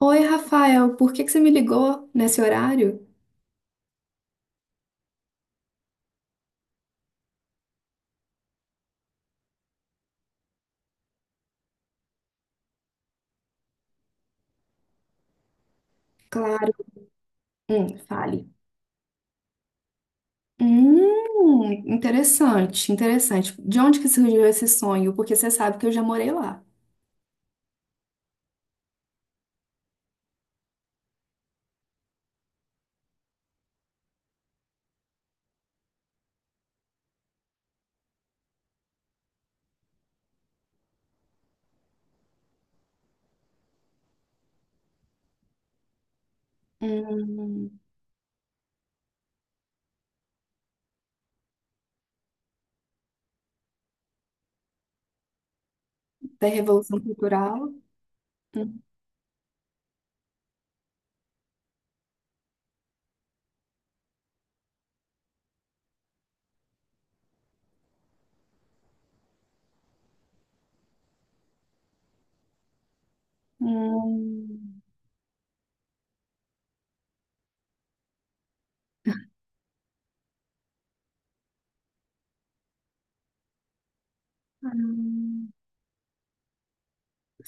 Oi, Rafael, por que que você me ligou nesse horário? Claro. Fale. Interessante, interessante. De onde que surgiu esse sonho? Porque você sabe que eu já morei lá. Hum, da Revolução Cultural? Hum, hum, hum.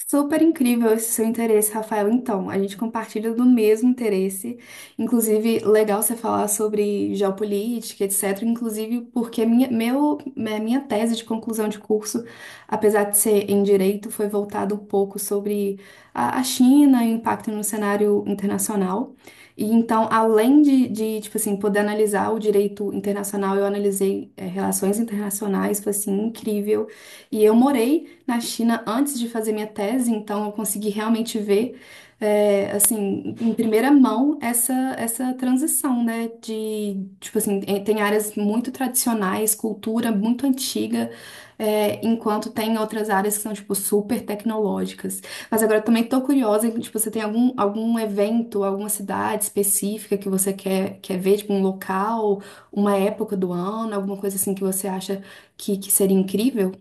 Super incrível esse seu interesse, Rafael. Então, a gente compartilha do mesmo interesse. Inclusive, legal você falar sobre geopolítica, etc. Inclusive, porque minha, meu, minha minha tese de conclusão de curso, apesar de ser em direito, foi voltada um pouco sobre a China e o impacto no cenário internacional. E então, além de tipo assim, poder analisar o direito internacional, eu analisei, relações internacionais, foi assim, incrível. E eu morei na China antes de fazer minha tese, então eu consegui realmente ver, é, assim, em primeira mão essa, essa transição, né? De, tipo assim, tem áreas muito tradicionais, cultura muito antiga, é, enquanto tem outras áreas que são, tipo, super tecnológicas. Mas agora eu também tô curiosa, tipo, você tem algum, algum evento, alguma cidade específica que você quer ver, tipo, um local, uma época do ano, alguma coisa assim que você acha que seria incrível?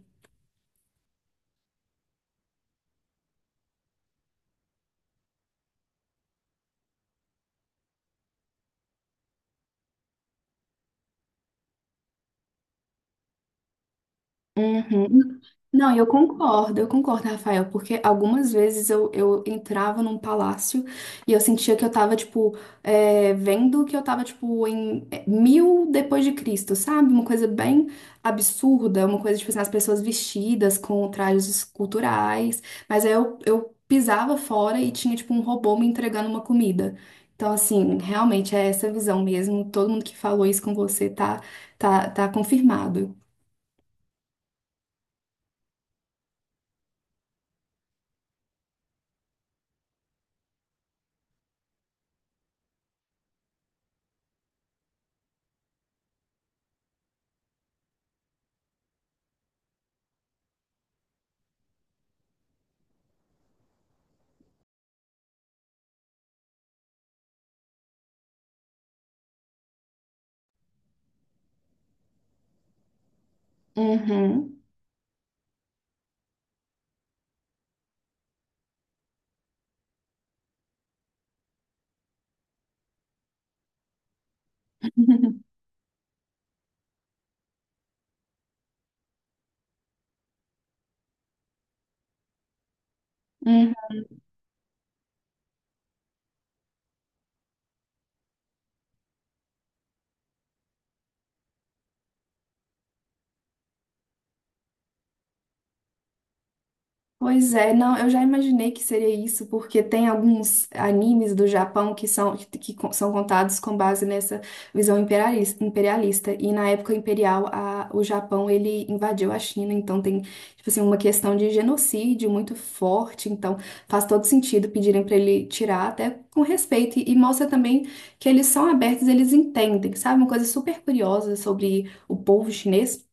Uhum. Não, eu concordo, Rafael, porque algumas vezes eu entrava num palácio e eu sentia que eu tava, tipo, é, vendo que eu tava, tipo, em é, 1000 depois de Cristo, sabe? Uma coisa bem absurda, uma coisa, tipo, assim, as pessoas vestidas com trajes culturais, mas aí eu pisava fora e tinha, tipo, um robô me entregando uma comida. Então, assim, realmente é essa visão mesmo, todo mundo que falou isso com você tá confirmado. Uhum. Uhum. Pois é, não, eu já imaginei que seria isso, porque tem alguns animes do Japão que são, que são contados com base nessa visão imperalis- imperialista, e na época imperial, a- o Japão ele invadiu a China, então tem tipo assim, uma questão de genocídio muito forte, então faz todo sentido pedirem para ele tirar, até com respeito, e mostra também que eles são abertos, eles entendem, sabe? Uma coisa super curiosa sobre o povo chinês.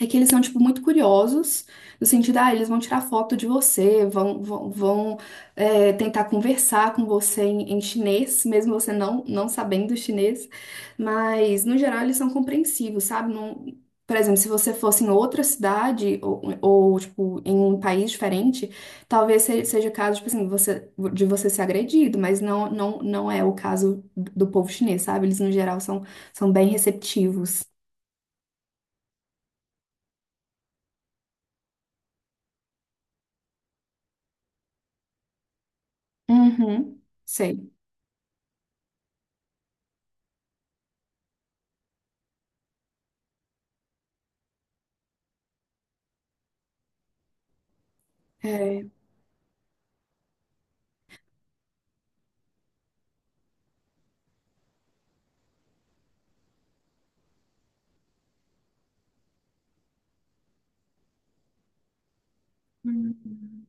É que eles são, tipo, muito curiosos, no sentido, ah, eles vão tirar foto de você, vão é, tentar conversar com você em, em chinês, mesmo você não sabendo chinês, mas, no geral, eles são compreensivos, sabe? Não, por exemplo, se você fosse em outra cidade ou, tipo, em um país diferente, talvez se- seja o caso, tipo assim, você, de você ser agredido, mas não não é o caso do povo chinês, sabe? Eles, no geral, são, são bem receptivos. Uhum, sei. É. Hum.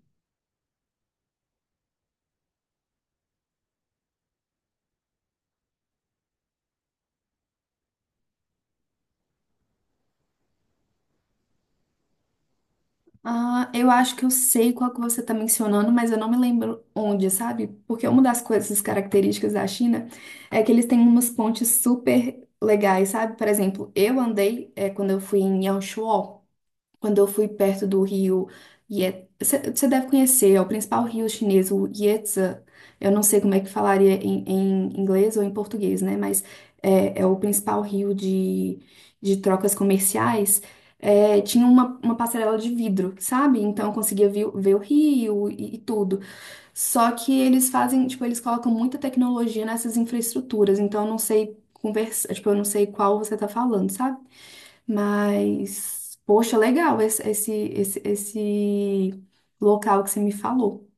Ah, eu acho que eu sei qual que você está mencionando, mas eu não me lembro onde, sabe? Porque uma das coisas características da China é que eles têm umas pontes super legais, sabe? Por exemplo, eu andei, é, quando eu fui em Yaoshua. Quando eu fui perto do rio Ye... Você deve conhecer, é o principal rio chinês, o Yangtze. Eu não sei como é que falaria em, em inglês ou em português, né? Mas é, é o principal rio de trocas comerciais. É, tinha uma passarela de vidro, sabe? Então eu conseguia ver, o- ver o rio e tudo. Só que eles fazem, tipo, eles colocam muita tecnologia nessas infraestruturas, então eu não sei conversa, tipo, eu não sei qual você tá falando, sabe? Mas, poxa, legal esse local que você me falou.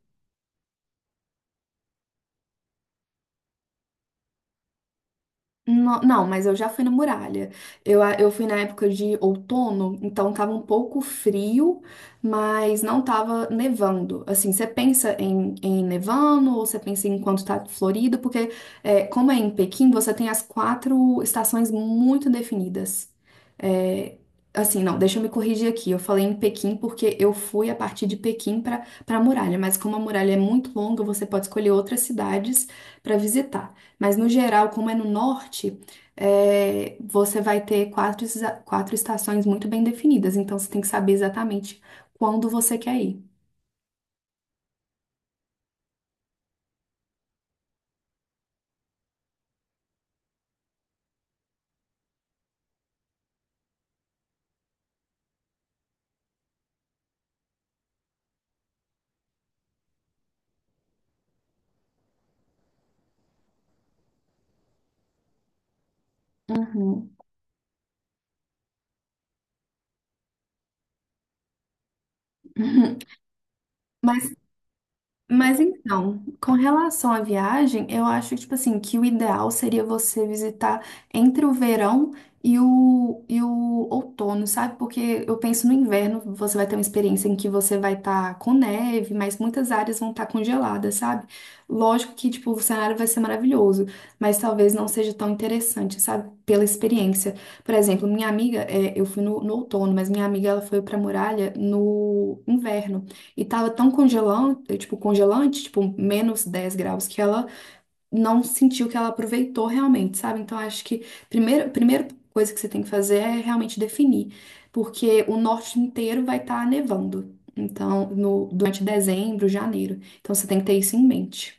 No- Não, mas eu já fui na muralha. Eu fui na época de outono, então tava um pouco frio, mas não tava nevando. Assim, você pensa em, em nevando ou você pensa em quando tá florido, porque é, como é em Pequim, você tem as quatro estações muito definidas. É, assim, não, deixa eu me corrigir aqui. Eu falei em Pequim porque eu fui a partir de Pequim para a muralha, mas como a muralha é muito longa, você pode escolher outras cidades para visitar. Mas no geral, como é no norte, é, você vai ter quatro, esa- quatro estações muito bem definidas, então você tem que saber exatamente quando você quer ir. Uhum. Mas então, com relação à viagem, eu acho que, tipo assim, que o ideal seria você visitar entre o verão e o outono, sabe? Porque eu penso no inverno, você vai ter uma experiência em que você vai estar com neve, mas muitas áreas vão estar congeladas, sabe? Lógico que, tipo, o cenário vai ser maravilhoso, mas talvez não seja tão interessante, sabe? Pela experiência. Por exemplo, minha amiga, é, eu fui no outono, mas minha amiga, ela foi pra Muralha no inverno. E tava tão congelante, tipo, -10 graus, que ela não sentiu que ela aproveitou realmente, sabe? Então, acho que primeiro, a primeira coisa que você tem que fazer é realmente definir, porque o norte inteiro vai estar nevando. Então, no, durante dezembro, janeiro. Então, você tem que ter isso em mente.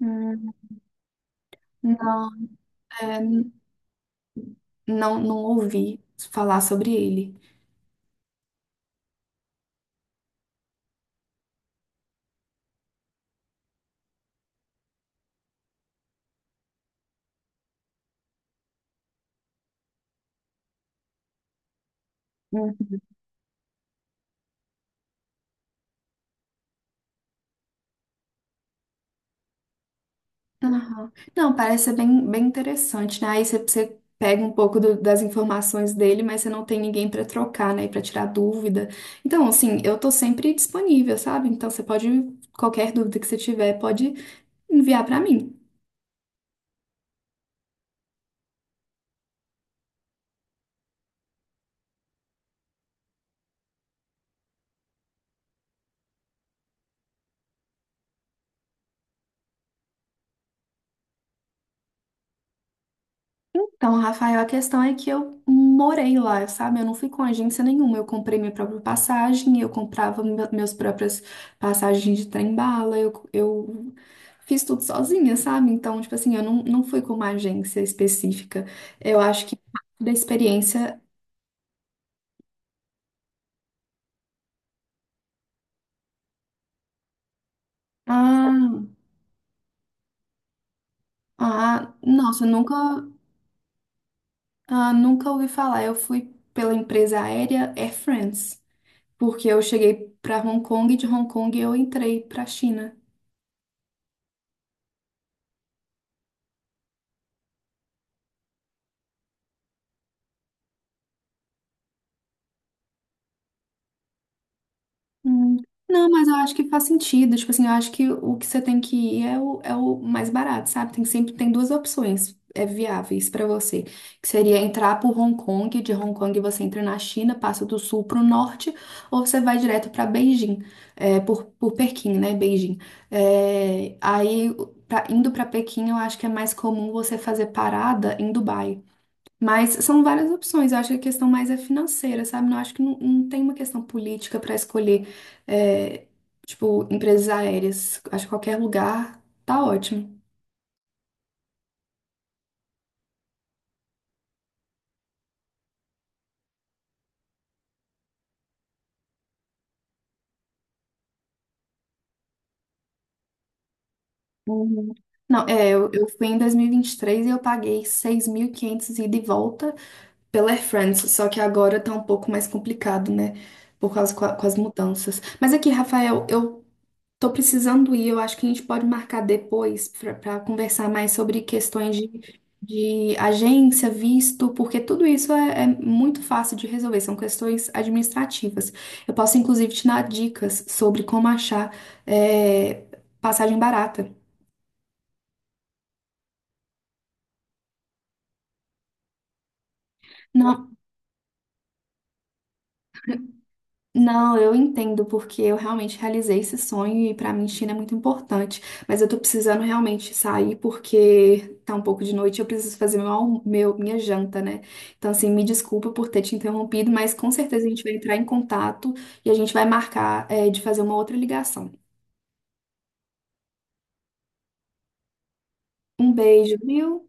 Hum. Não, é, não ouvi falar sobre ele. Uhum. Aham. Não, parece ser bem interessante, né? Aí você pega um pouco do- das informações dele, mas você não tem ninguém para trocar, né? Para tirar dúvida. Então, assim, eu tô sempre disponível, sabe? Então, você pode, qualquer dúvida que você tiver, pode enviar para mim. Então, Rafael, a questão é que eu morei lá, sabe? Eu não fui com agência nenhuma. Eu comprei minha própria passagem, eu comprava me- meus próprias passagens de trem-bala, eu fiz tudo sozinha, sabe? Então, tipo assim, eu não fui com uma agência específica. Eu acho que da experiência. Ah, nossa, eu nunca, nunca ouvi falar. Eu fui pela empresa aérea Air France, porque eu cheguei para Hong Kong e de Hong Kong eu entrei para China. Hum. Não, mas eu acho que faz sentido. Tipo assim, eu acho que o que você tem que ir é o, é o mais barato, sabe? Tem sempre tem duas opções é, viáveis pra você, que seria entrar por Hong Kong, de Hong Kong você entra na China, passa do sul pro norte, ou você vai direto pra Beijing, é, por Pequim, né? Beijing. É, aí, pra- indo pra Pequim, eu acho que é mais comum você fazer parada em Dubai. Mas são várias opções. Eu acho que a questão mais é financeira, sabe? Não acho que não tem uma questão política para escolher, é, tipo, empresas aéreas. Acho que qualquer lugar tá ótimo. Uhum. Não, é, eu fui em dois mil e vinte e três e eu paguei 6.500 ida e volta pela Air France, só que agora tá um pouco mais complicado, né? Por causa co- com, as mudanças. Mas aqui, Rafael, eu tô precisando ir, eu acho que a gente pode marcar depois para conversar mais sobre questões de agência, visto, porque tudo isso é muito fácil de resolver, são questões administrativas. Eu posso, inclusive, te dar dicas sobre como achar, é, passagem barata. Não, Não, eu entendo, porque eu realmente realizei esse sonho e pra mim China é muito importante. Mas eu tô precisando realmente sair porque tá um pouco de noite, e eu preciso fazer minha janta, né? Então, assim, me desculpa por ter te interrompido, mas com certeza a gente vai entrar em contato e a gente vai marcar, de fazer uma outra ligação. Um beijo, viu?